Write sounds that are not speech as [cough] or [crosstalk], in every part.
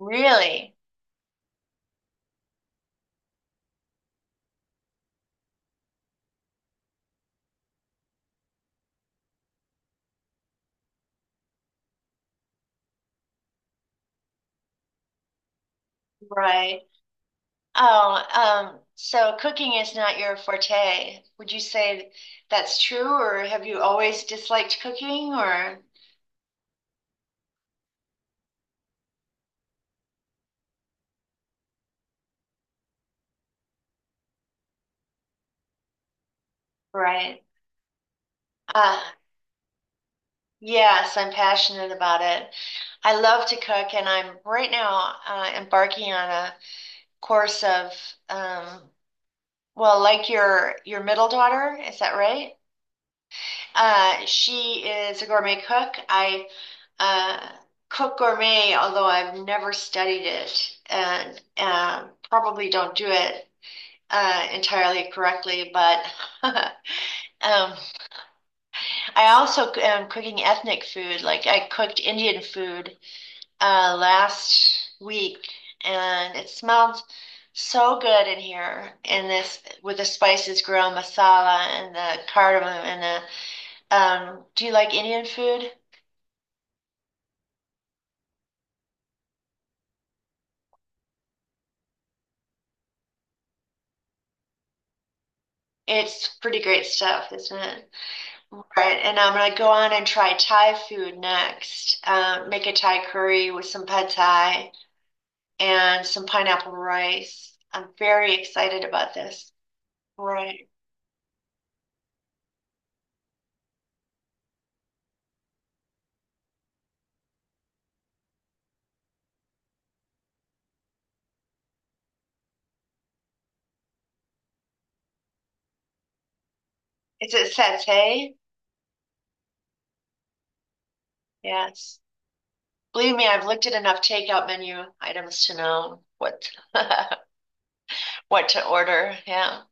Really? Right. Oh, so cooking is not your forte. Would you say that's true, or have you always disliked cooking, or right? Uh, yes, I'm passionate about it. I love to cook, and I'm right now embarking on a course of, um, like your middle daughter, is that right? She is a gourmet cook. I uh, cook gourmet, although I've never studied it and probably don't do it entirely correctly. But [laughs] um, I also am cooking ethnic food. Like I cooked Indian food last week, and it smelled so good in here in this with the spices, garam masala, and the cardamom, and the do you like Indian food? It's pretty great stuff, isn't it? All right, and I'm gonna go on and try Thai food next. Make a Thai curry with some pad Thai and some pineapple rice. I'm very excited about this. Right. Is it satay? Yes. Believe me, I've looked at enough takeout menu items to know what [laughs] what to order. Yeah.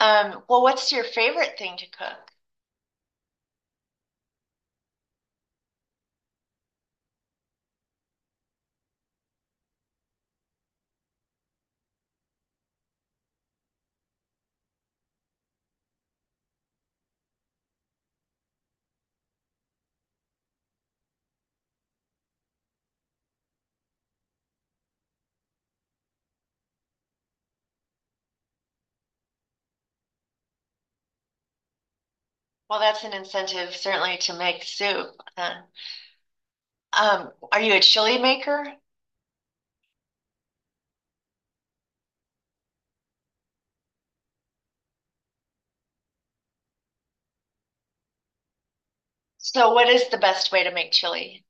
Well, what's your favorite thing to cook? Well, that's an incentive certainly to make soup. Uh, are you a chili maker? So what is the best way to make chili?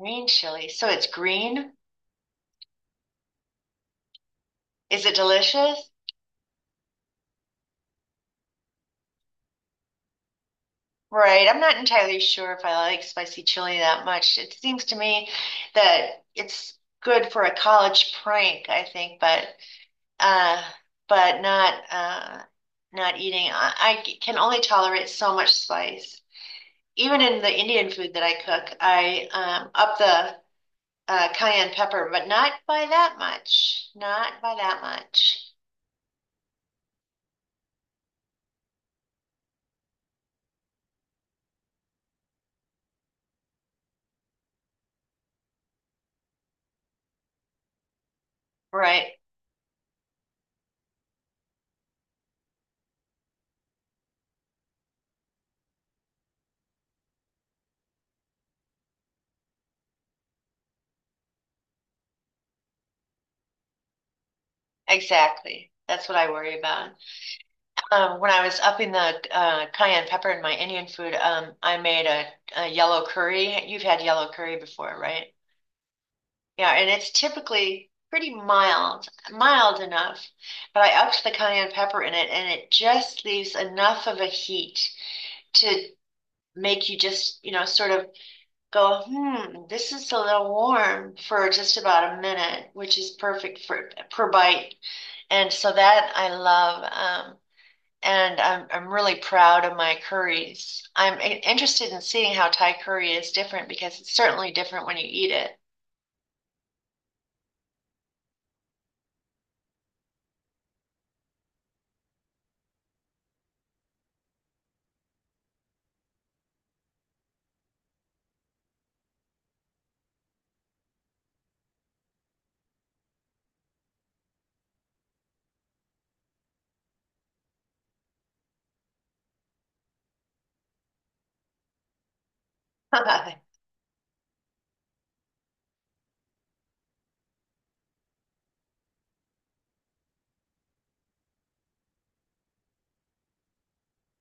Green chili. So it's green? Is it delicious? Right. I'm not entirely sure if I like spicy chili that much. It seems to me that it's good for a college prank, I think, uh but not not eating. I can only tolerate so much spice. Even in the Indian food that I cook, I up the cayenne pepper, but not by that much. Not by that much. Right. Exactly. That's what I worry about. When I was upping the cayenne pepper in my Indian food, I made a yellow curry. You've had yellow curry before, right? Yeah, and it's typically pretty mild, mild enough, but I upped the cayenne pepper in it, and it just leaves enough of a heat to make you just, you know, sort of go, hmm, this is a little warm for just about a minute, which is perfect for per bite. And so that I love. And I'm really proud of my curries. I'm interested in seeing how Thai curry is different because it's certainly different when you eat it. [laughs]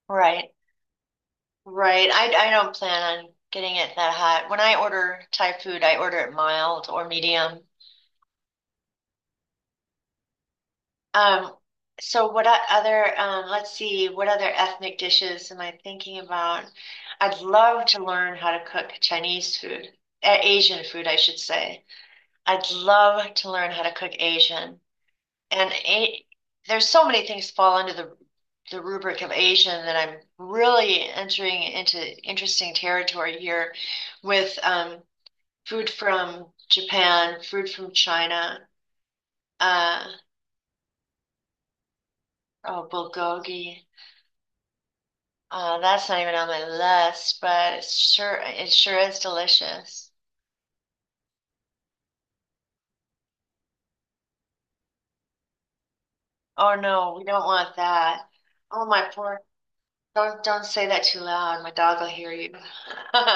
Right, right. I don't plan on getting it that hot. When I order Thai food, I order it mild or medium. Um, so what other let's see, what other ethnic dishes am I thinking about? I'd love to learn how to cook Chinese food, Asian food, I should say. I'd love to learn how to cook Asian. and a, there's so many things fall under the rubric of Asian that I'm really entering into interesting territory here with food from Japan, food from China, uh, oh, bulgogi. That's not even on my list, but it sure is delicious. Oh no, we don't want that. Oh my poor, don't say that too loud. My dog will hear you. [laughs]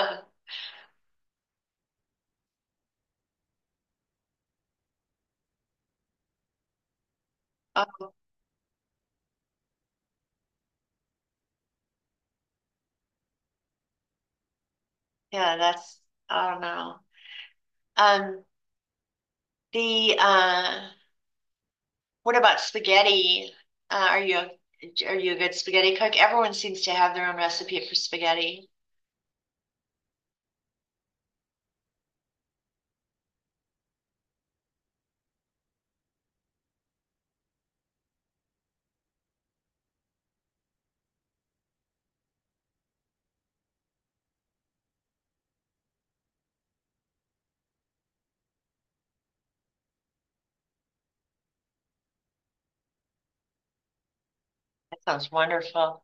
Oh yeah, that's I don't know. Um, the What about spaghetti? Uh, are you a, are you a good spaghetti cook? Everyone seems to have their own recipe for spaghetti. That sounds wonderful.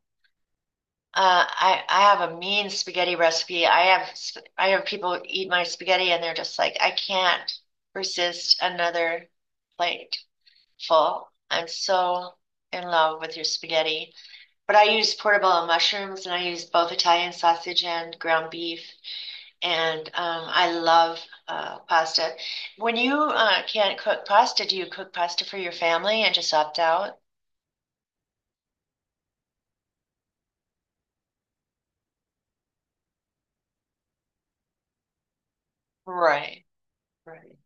I have a mean spaghetti recipe. I have people eat my spaghetti and they're just like, I can't resist another plate full. I'm so in love with your spaghetti. But I use portobello mushrooms and I use both Italian sausage and ground beef. And I love pasta. When you can't cook pasta, do you cook pasta for your family and just opt out? Right, right.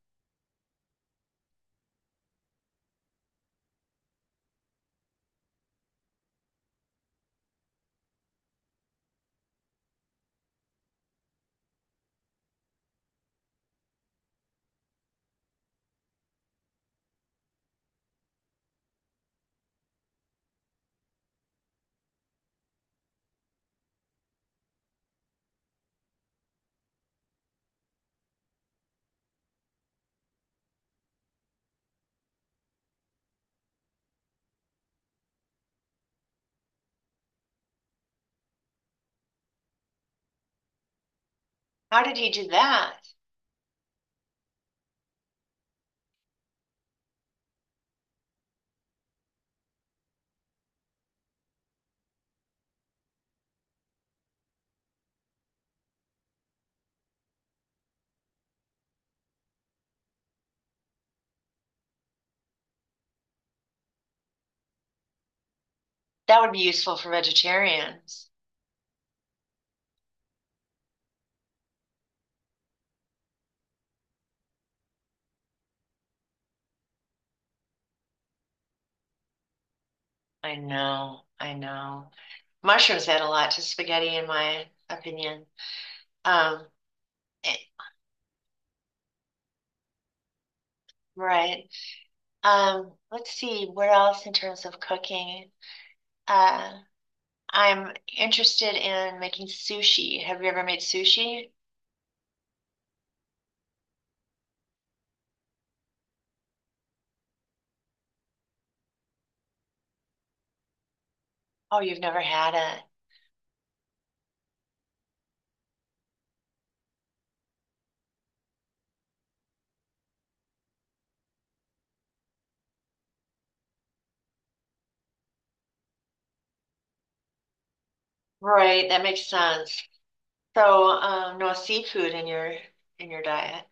How did he do that? That would be useful for vegetarians. I know. Mushrooms add a lot to spaghetti, in my opinion. Um, eh, right. Let's see what else in terms of cooking. Uh, I'm interested in making sushi. Have you ever made sushi? Oh, you've never had it. Right, that makes sense. So, no seafood in your diet.